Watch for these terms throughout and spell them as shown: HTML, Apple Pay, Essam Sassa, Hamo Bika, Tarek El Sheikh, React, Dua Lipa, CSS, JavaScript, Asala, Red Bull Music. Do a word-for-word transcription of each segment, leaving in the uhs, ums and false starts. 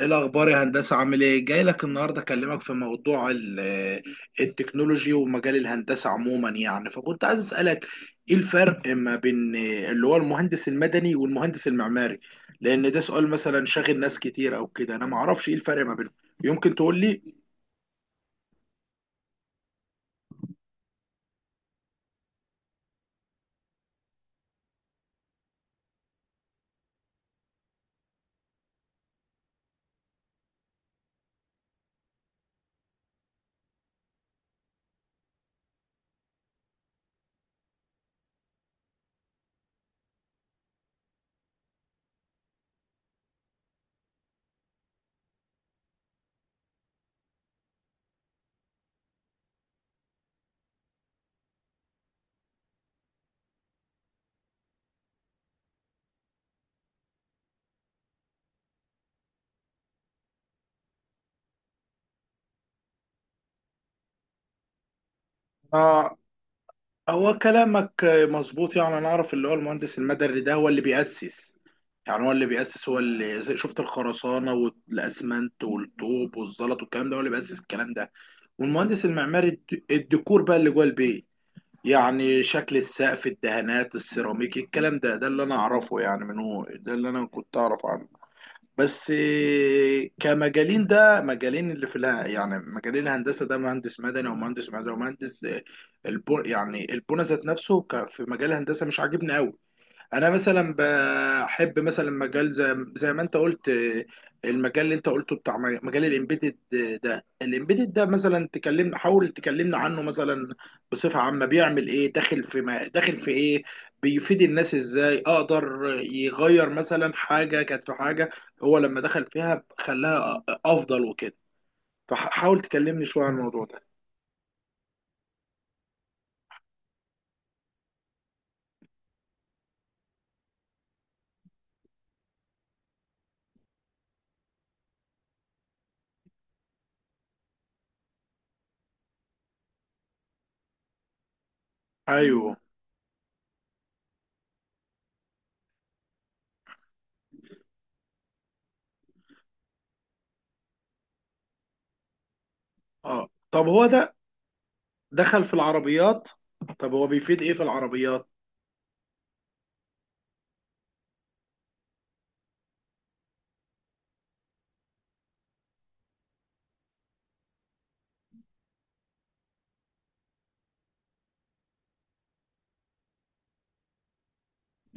ايه الاخبار يا هندسه، عامل ايه؟ جاي لك النهارده اكلمك في موضوع ال- آه، التكنولوجي ومجال الهندسه عموما، يعني فكنت عايز اسالك ايه الفرق ما بين اللي هو المهندس المدني والمهندس المعماري، لان ده سؤال مثلا شاغل ناس كتير او كده، انا ما اعرفش ايه الفرق ما بينهم. يمكن تقول لي. آه، هو كلامك مظبوط. يعني انا اعرف اللي هو المهندس المدني ده هو اللي بيأسس، يعني هو اللي بيأسس، هو اللي زي- شفت الخرسانة والاسمنت والطوب والزلط والكلام ده، هو اللي بيأسس الكلام ده. والمهندس المعماري الد- الديكور بقى اللي جوه البيت، يعني شكل السقف، الدهانات، السيراميك، الكلام ده ده اللي انا اعرفه، يعني من هو ده اللي انا كنت اعرف عنه. بس إيه، كمجالين، ده مجالين اللي في الها، يعني مجالين الهندسه، ده مهندس مدني ومهندس معماري ومهندس إيه، البو يعني البنى ذات نفسه ك- في مجال الهندسه مش عاجبني قوي. انا مثلا بحب مثلا مجال زي زي ما انت قلت، آه، المجال اللي انت قلته بتاع م- مجال الامبيدد. ده الامبيدد ده مثلا تكلمنا حاول تكلمنا عنه، مثلا بصفة عامة بيعمل ايه، داخل في ما داخل في ايه، بيفيد الناس ازاي، اقدر يغير مثلا حاجة كانت في حاجة هو لما دخل فيها خلاها أ- افضل وكده. فحاول تكلمني شوية عن الموضوع ده. ايوه. اه، طب هو ده دخل في العربيات؟ طب هو بيفيد ايه في العربيات؟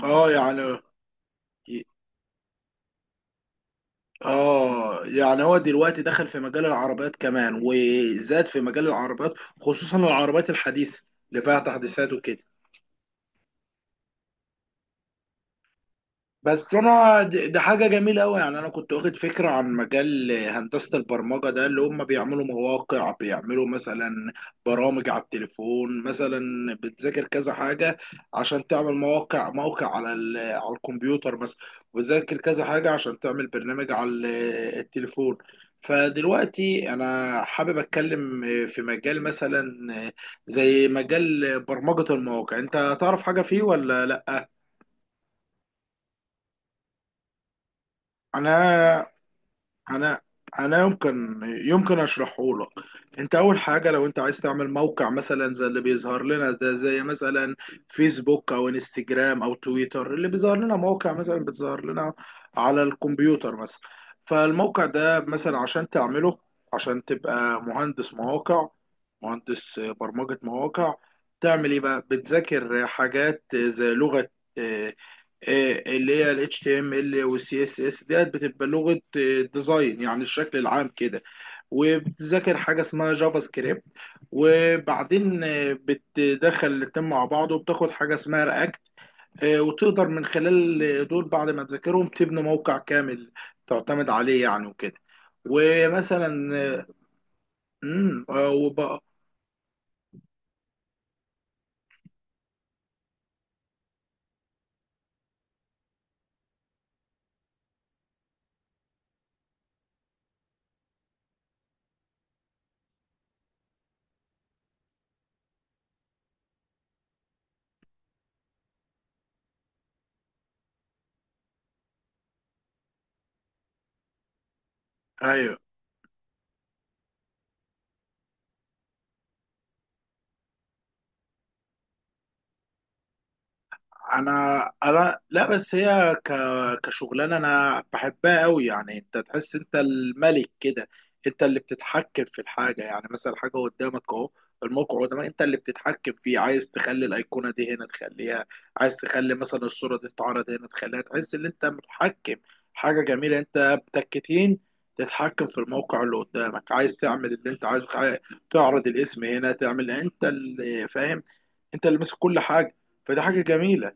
اه يعني. اه يعني هو دلوقتي دخل في مجال العربيات كمان وزاد في مجال العربيات، خصوصا العربيات الحديثة اللي فيها تحديثات وكده. بس انا د- ده حاجه جميله قوي. يعني انا كنت واخد فكره عن مجال هندسه البرمجه ده، اللي هم بيعملوا مواقع، بيعملوا مثلا برامج على التليفون، مثلا بتذاكر كذا حاجه عشان تعمل مواقع موقع على ال- على الكمبيوتر مثلا، وتذاكر كذا حاجه عشان تعمل برنامج على ال- التليفون. فدلوقتي انا حابب اتكلم في مجال مثلا زي مجال برمجه المواقع. انت تعرف حاجه فيه ولا لا؟ انا انا انا يمكن يمكن اشرحه لك. انت اول حاجه لو انت عايز تعمل موقع، مثلا زي اللي بيظهر لنا ده، زي مثلا فيسبوك او انستجرام او تويتر، اللي بيظهر لنا موقع مثلا بتظهر لنا على الكمبيوتر مثلا. فالموقع ده مثلا عشان تعمله، عشان تبقى مهندس مواقع، مهندس برمجة مواقع، تعمل ايه بقى؟ بتذاكر حاجات زي لغة آه، آه، اللي هي ال اتش تي ام ال وال سي اس اس ديت، بتبقى لغة آه، ديزاين، يعني الشكل العام كده. وبتذاكر حاجة اسمها جافا سكريبت، وبعدين آه، بتدخل الاتنين مع بعض وبتاخد حاجة اسمها رياكت. وتقدر من خلال آه، دول بعد ما تذاكرهم تبني موقع كامل تعتمد عليه يعني وكده. ومثلا آه، مم، آه، وبقى. انا انا لا، بس هي ك... كشغلانه انا بحبها قوي. يعني انت تحس انت الملك كده، انت اللي بتتحكم في الحاجه. يعني مثلا حاجه قدامك اهو، الموقع قدامك، انت اللي بتتحكم فيه. عايز تخلي الايقونه دي هنا تخليها، عايز تخلي مثلا الصوره دي تتعرض هنا تخليها. تحس ان انت متحكم. حاجه جميله، انت بتكتين تتحكم في الموقع اللي قدامك. عايز تعمل اللي انت عايزه، عايز تعرض الاسم هنا تعمل، انت اللي فاهم، انت اللي ماسك كل حاجه. فدي حاجه جميله.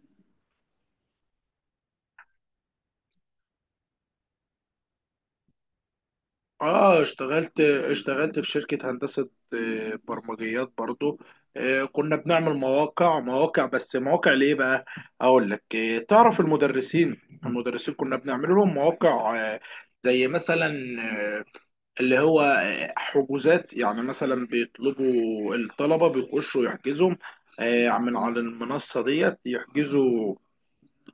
اه، اشتغلت اشتغلت في شركة هندسة آه، برمجيات برضو. آه، كنا بنعمل مواقع مواقع بس، مواقع ليه بقى؟ اقول لك. آه، تعرف المدرسين المدرسين كنا بنعمل لهم مواقع، آه، زي مثلا آه، اللي هو آه، حجوزات. يعني مثلا بيطلبوا الطلبة بيخشوا يحجزوا آه، من على المنصة ديت، يحجزوا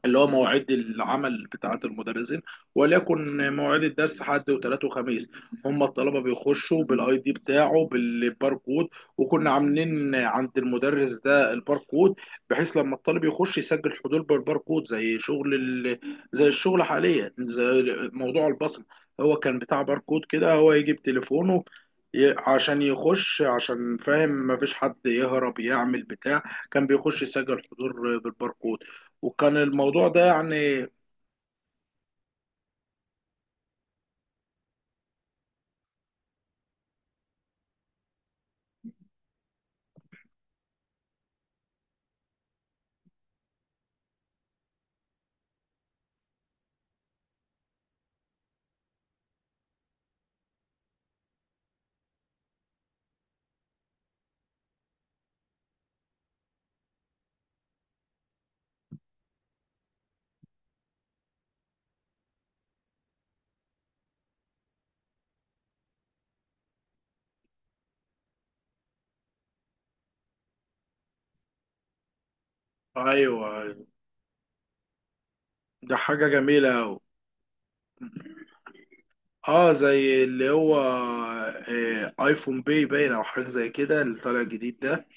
اللي هو مواعيد العمل بتاعت المدرسين. وليكن مواعيد الدرس حد وثلاث وخميس، هم الطلبه بيخشوا بالاي دي بتاعه، بالباركود. وكنا عاملين عند المدرس ده الباركود، بحيث لما الطالب يخش يسجل حضور بالباركود زي شغل ال... زي الشغل حاليا زي موضوع البصمه. هو كان بتاع باركود كده، هو يجي بتليفونه ي- عشان يخش، عشان فاهم مفيش حد يهرب يعمل بتاع، كان بيخش يسجل حضور بالباركود. وكان الموضوع ده يعني. ايوه، ده حاجة جميلة أوي. اه، زي اللي هو آه، ايفون باي باين او حاجة زي كده اللي طالع جديد ده.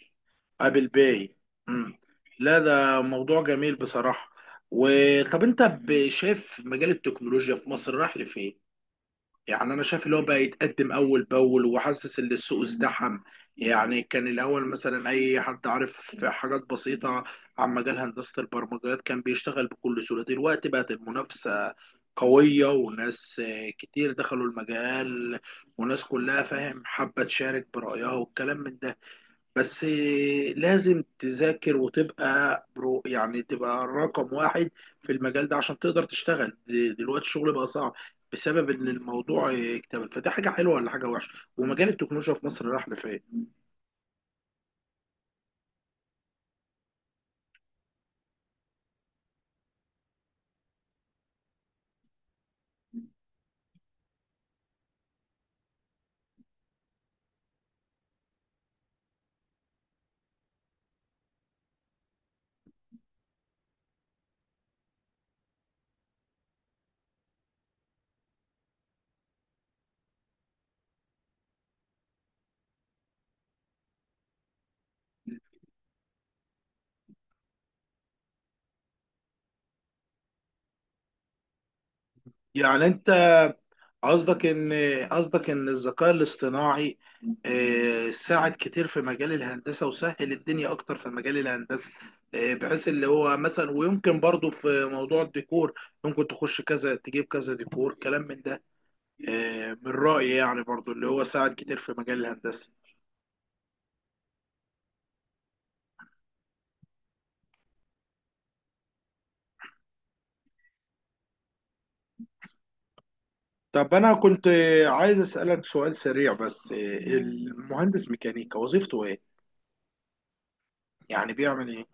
ابل باي. مم. لا، ده موضوع جميل بصراحة. وطب انت ب- شايف مجال التكنولوجيا في مصر راح لفين؟ يعني انا شايف اللي هو بقى يتقدم اول باول، وحاسس ان السوق ازدحم. يعني كان الاول مثلا اي حد عارف حاجات بسيطه عن مجال هندسه البرمجيات كان بيشتغل بكل سهوله، دلوقتي بقت المنافسه قويه وناس آه، كتير دخلوا المجال، وناس كلها فاهم حابه تشارك برايها والكلام من ده. بس لازم تذاكر وتبقى برو، يعني تبقى رقم واحد في المجال ده عشان تقدر تشتغل. د- دلوقتي الشغل بقى صعب بسبب ان الموضوع اكتمل. فده حاجه حلوه ولا حاجه وحشه؟ ومجال التكنولوجيا في مصر راح لفين؟ يعني انت، قصدك ان قصدك ان الذكاء الاصطناعي آه، ساعد كتير في مجال الهندسه وسهل الدنيا اكتر في مجال الهندسه. آه، بحيث اللي هو مثلا، ويمكن برضو في موضوع الديكور ممكن تخش كذا تجيب كذا ديكور كلام من ده. آه، من رأيي يعني برضو اللي هو ساعد كتير في مجال الهندسه. طب انا كنت آه، عايز اسألك سؤال سريع بس. آه، المهندس ميكانيكا وظيفته ايه؟ يعني بيعمل ايه؟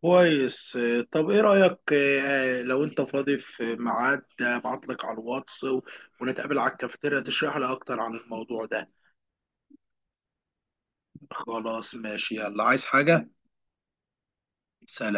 كويس. آه، طب ايه رأيك آه، لو انت فاضي في ميعاد ابعت لك على الواتس و- ونتقابل على الكافيتيريا تشرح لي اكتر عن الموضوع ده. خلاص ماشي، يلا، عايز حاجة؟ سلام.